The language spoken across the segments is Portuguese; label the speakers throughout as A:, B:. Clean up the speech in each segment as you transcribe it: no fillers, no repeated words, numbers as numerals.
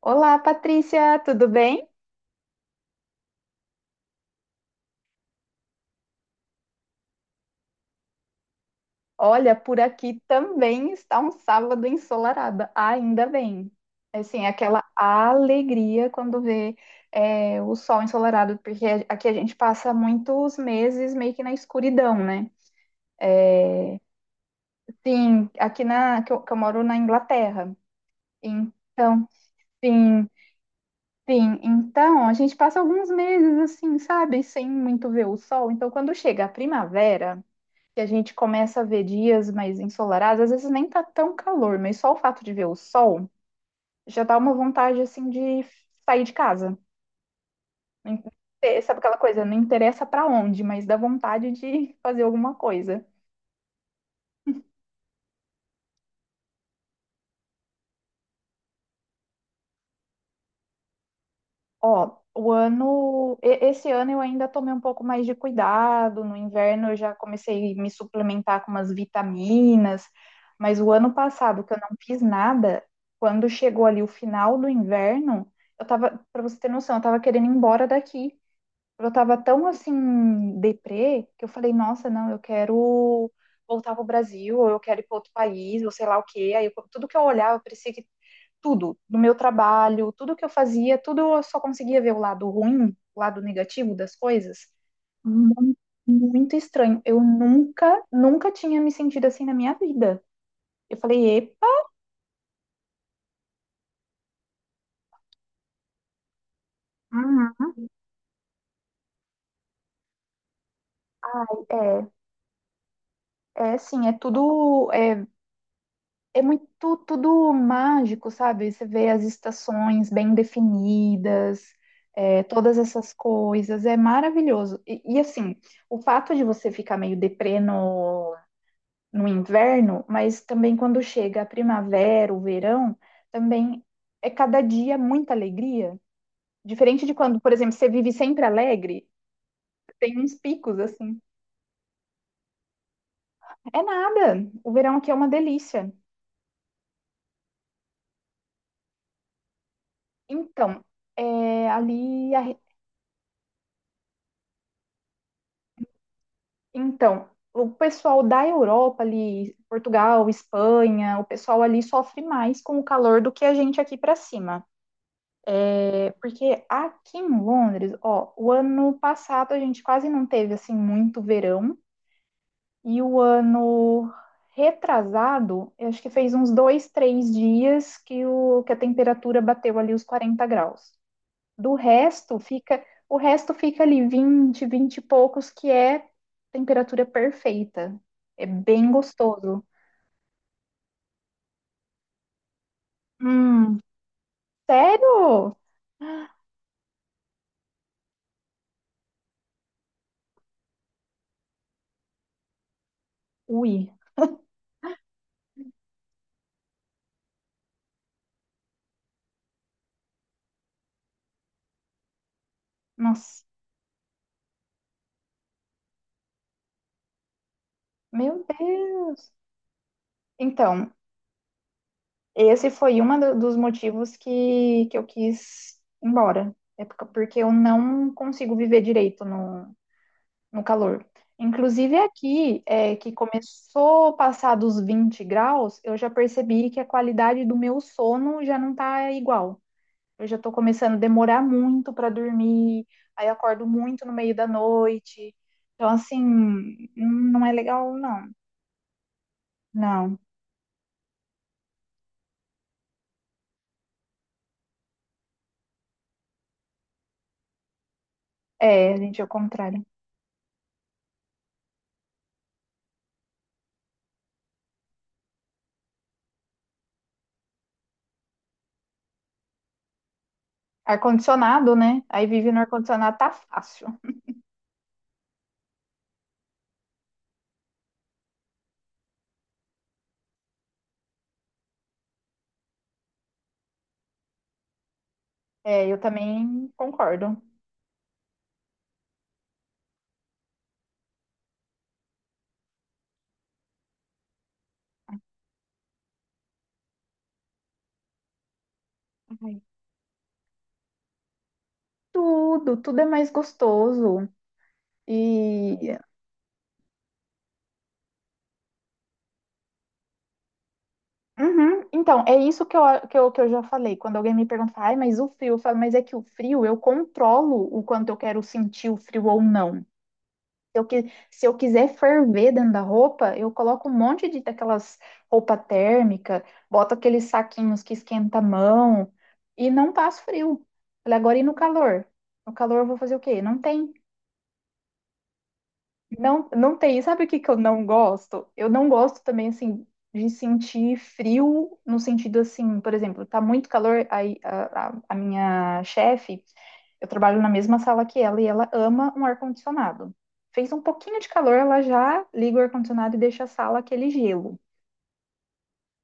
A: Olá, Patrícia, tudo bem? Olha, por aqui também está um sábado ensolarado, ainda bem. Assim, aquela alegria quando vê o sol ensolarado, porque aqui a gente passa muitos meses meio que na escuridão, né? Sim, que eu moro na Inglaterra. Então, sim, sim. Então, a gente passa alguns meses assim, sabe, sem muito ver o sol. Então, quando chega a primavera que a gente começa a ver dias mais ensolarados, às vezes nem tá tão calor, mas só o fato de ver o sol já dá uma vontade assim de sair de casa. Não inter- Sabe aquela coisa? Não interessa pra onde, mas dá vontade de fazer alguma coisa. Ó, o ano, e- Esse ano eu ainda tomei um pouco mais de cuidado. No inverno eu já comecei a me suplementar com umas vitaminas, mas o ano passado que eu não fiz nada, quando chegou ali o final do inverno, eu tava, para você ter noção, eu tava querendo ir embora daqui. Eu tava tão assim deprê que eu falei, nossa, não, eu quero voltar pro Brasil, ou eu quero ir para outro país, ou sei lá o quê. Tudo que eu olhava parecia que tudo, do meu trabalho, tudo que eu fazia, tudo eu só conseguia ver o lado ruim, o lado negativo das coisas. Muito, muito estranho. Eu nunca, nunca tinha me sentido assim na minha vida. Eu falei, epa. Uhum. é, É assim, é tudo, é muito, tudo mágico, sabe? Você vê as estações bem definidas, todas essas coisas, é maravilhoso. Assim, o fato de você ficar meio deprê no no inverno, mas também quando chega a primavera, o verão, também é cada dia muita alegria. Diferente de quando, por exemplo, você vive sempre alegre, tem uns picos assim. É nada. O verão aqui é uma delícia. Então, é, ali, a- então, o pessoal da Europa ali, Portugal, Espanha, o pessoal ali sofre mais com o calor do que a gente aqui para cima. Porque aqui em Londres, ó, o ano passado a gente quase não teve assim muito verão e o ano retrasado, eu acho que fez uns dois, três dias que a temperatura bateu ali os 40 graus. Do resto fica, o resto fica ali 20, 20 e poucos, que é temperatura perfeita. É bem gostoso. Hum, sério? Ui, nossa, meu Deus. Então, esse foi um dos motivos que eu quis ir embora. Porque eu não consigo viver direito no calor. Inclusive aqui, que começou a passar dos 20 graus, eu já percebi que a qualidade do meu sono já não tá igual. Eu já tô começando a demorar muito para dormir, aí eu acordo muito no meio da noite. Então, assim, não é legal, não. Não. É, gente, é o contrário. Ar-condicionado, né? Aí vive no ar-condicionado tá fácil. É, eu também concordo. Ai. Tudo, tudo é mais gostoso. E. Uhum. Então, é isso que eu já falei. Quando alguém me pergunta, ai, mas o frio, eu falo, mas é que o frio eu controlo o quanto eu quero sentir o frio ou não. Se eu quiser ferver dentro da roupa, eu coloco um monte de daquelas roupa térmica, boto aqueles saquinhos que esquenta a mão e não passo frio. Falei, agora e no calor? No calor eu vou fazer o quê? Não tem. Não, não tem. Sabe o que que eu não gosto? Eu não gosto também, assim, de sentir frio, no sentido assim, por exemplo, tá muito calor, aí a minha chefe, eu trabalho na mesma sala que ela e ela ama um ar-condicionado. Fez um pouquinho de calor, ela já liga o ar-condicionado e deixa a sala aquele gelo.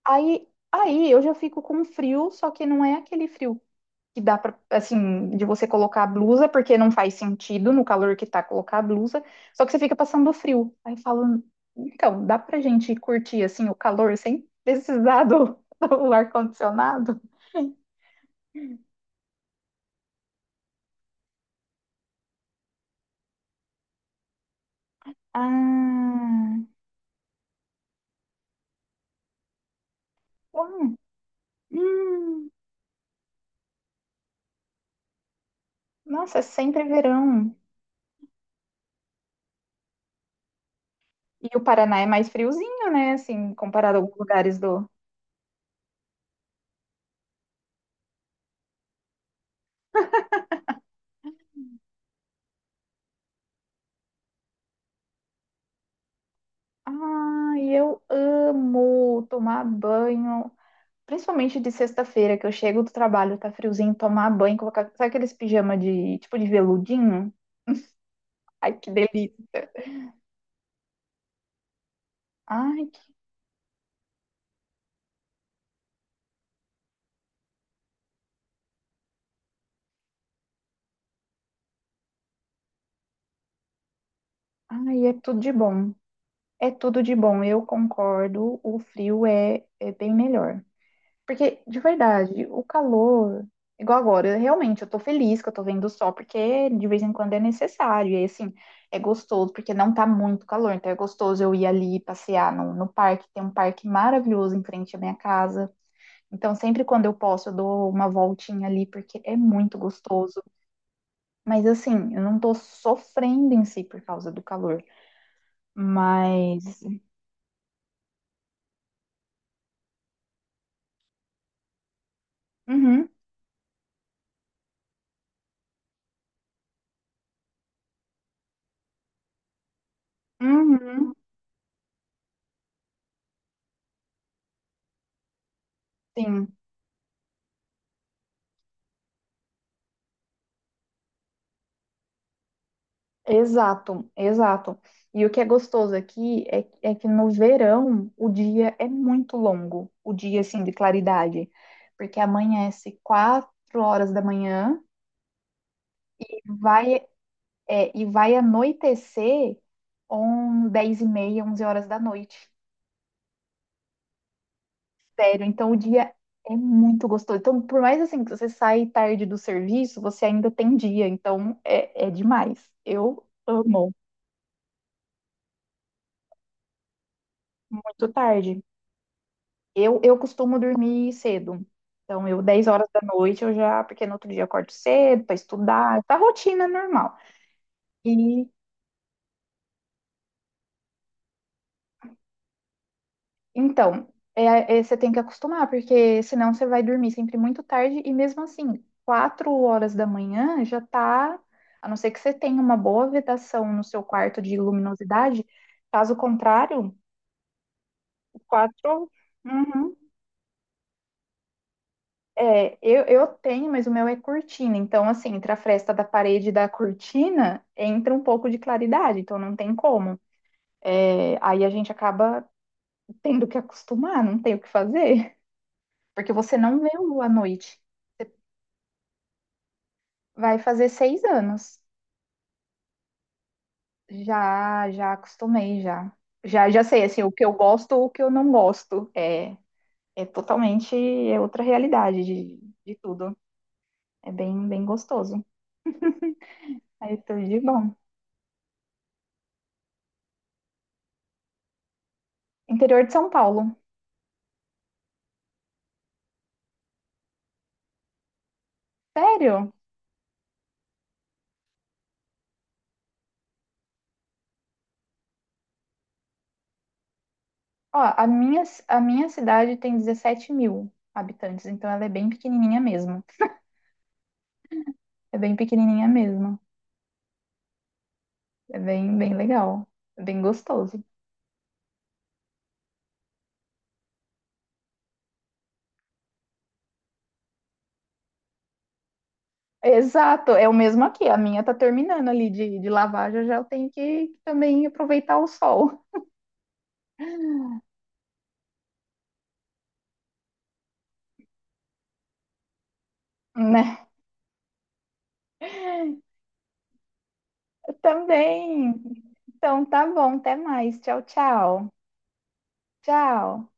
A: Aí, eu já fico com frio, só que não é aquele frio que dá para assim, de você colocar a blusa, porque não faz sentido no calor que tá colocar a blusa, só que você fica passando frio. Aí falam, então, dá pra gente curtir assim o calor sem precisar do ar-condicionado? Ah, ué, hum, nossa, é sempre verão. E o Paraná é mais friozinho, né? Assim, comparado a alguns lugares do. Ah, e eu amo tomar banho, principalmente de sexta-feira, que eu chego do trabalho, tá friozinho, tomar banho, colocar. Sabe aqueles pijama de tipo de veludinho? Ai, que delícia. Ai, que... Ai, é tudo de bom. É tudo de bom. Eu concordo, o frio é, é bem melhor. Porque, de verdade, o calor, igual agora, realmente eu tô feliz que eu tô vendo o sol, porque de vez em quando é necessário. E aí, assim, é gostoso, porque não tá muito calor, então é gostoso eu ir ali passear no parque. Tem um parque maravilhoso em frente à minha casa. Então, sempre quando eu posso, eu dou uma voltinha ali, porque é muito gostoso. Mas, assim, eu não tô sofrendo em si por causa do calor. Mas. Uhum, uhum, sim, exato, exato. E o que é gostoso aqui é, é que no verão o dia é muito longo, o dia, assim, de claridade. Porque amanhece 4 horas da manhã e vai, e vai anoitecer. Um, 10 e meia, 11 horas da noite. Sério. Então o dia é muito gostoso. Então, por mais assim que você sai tarde do serviço, você ainda tem dia. Então é demais. Eu amo muito tarde. Eu costumo dormir cedo. Então, eu 10 horas da noite eu já, porque no outro dia eu acordo cedo para estudar, tá rotina normal. E. Então, você tem que acostumar, porque senão você vai dormir sempre muito tarde e mesmo assim, 4 horas da manhã já tá, a não ser que você tenha uma boa vedação no seu quarto de luminosidade, caso contrário, quatro. Uhum. É, eu tenho, mas o meu é cortina. Então, assim, entre a fresta da parede e da cortina, entra um pouco de claridade, então não tem como. É, aí a gente acaba tendo que acostumar, não tem o que fazer, porque você não vê a lua à noite. Vai fazer 6 anos. Já, já acostumei, já. Já, já sei, assim, o que eu gosto, o que eu não gosto. É, é totalmente, é outra realidade de tudo. É bem, bem gostoso. Aí tudo de bom. Interior de São Paulo. Sério? Ó, a minha cidade tem 17 mil habitantes, então ela é bem pequenininha mesmo. É bem pequenininha mesmo. É bem, bem legal. É bem gostoso. Exato, é o mesmo aqui. A minha tá terminando ali de lavar, já já eu tenho que também aproveitar o sol, né? Eu também. Então tá bom, até mais. Tchau, tchau. Tchau.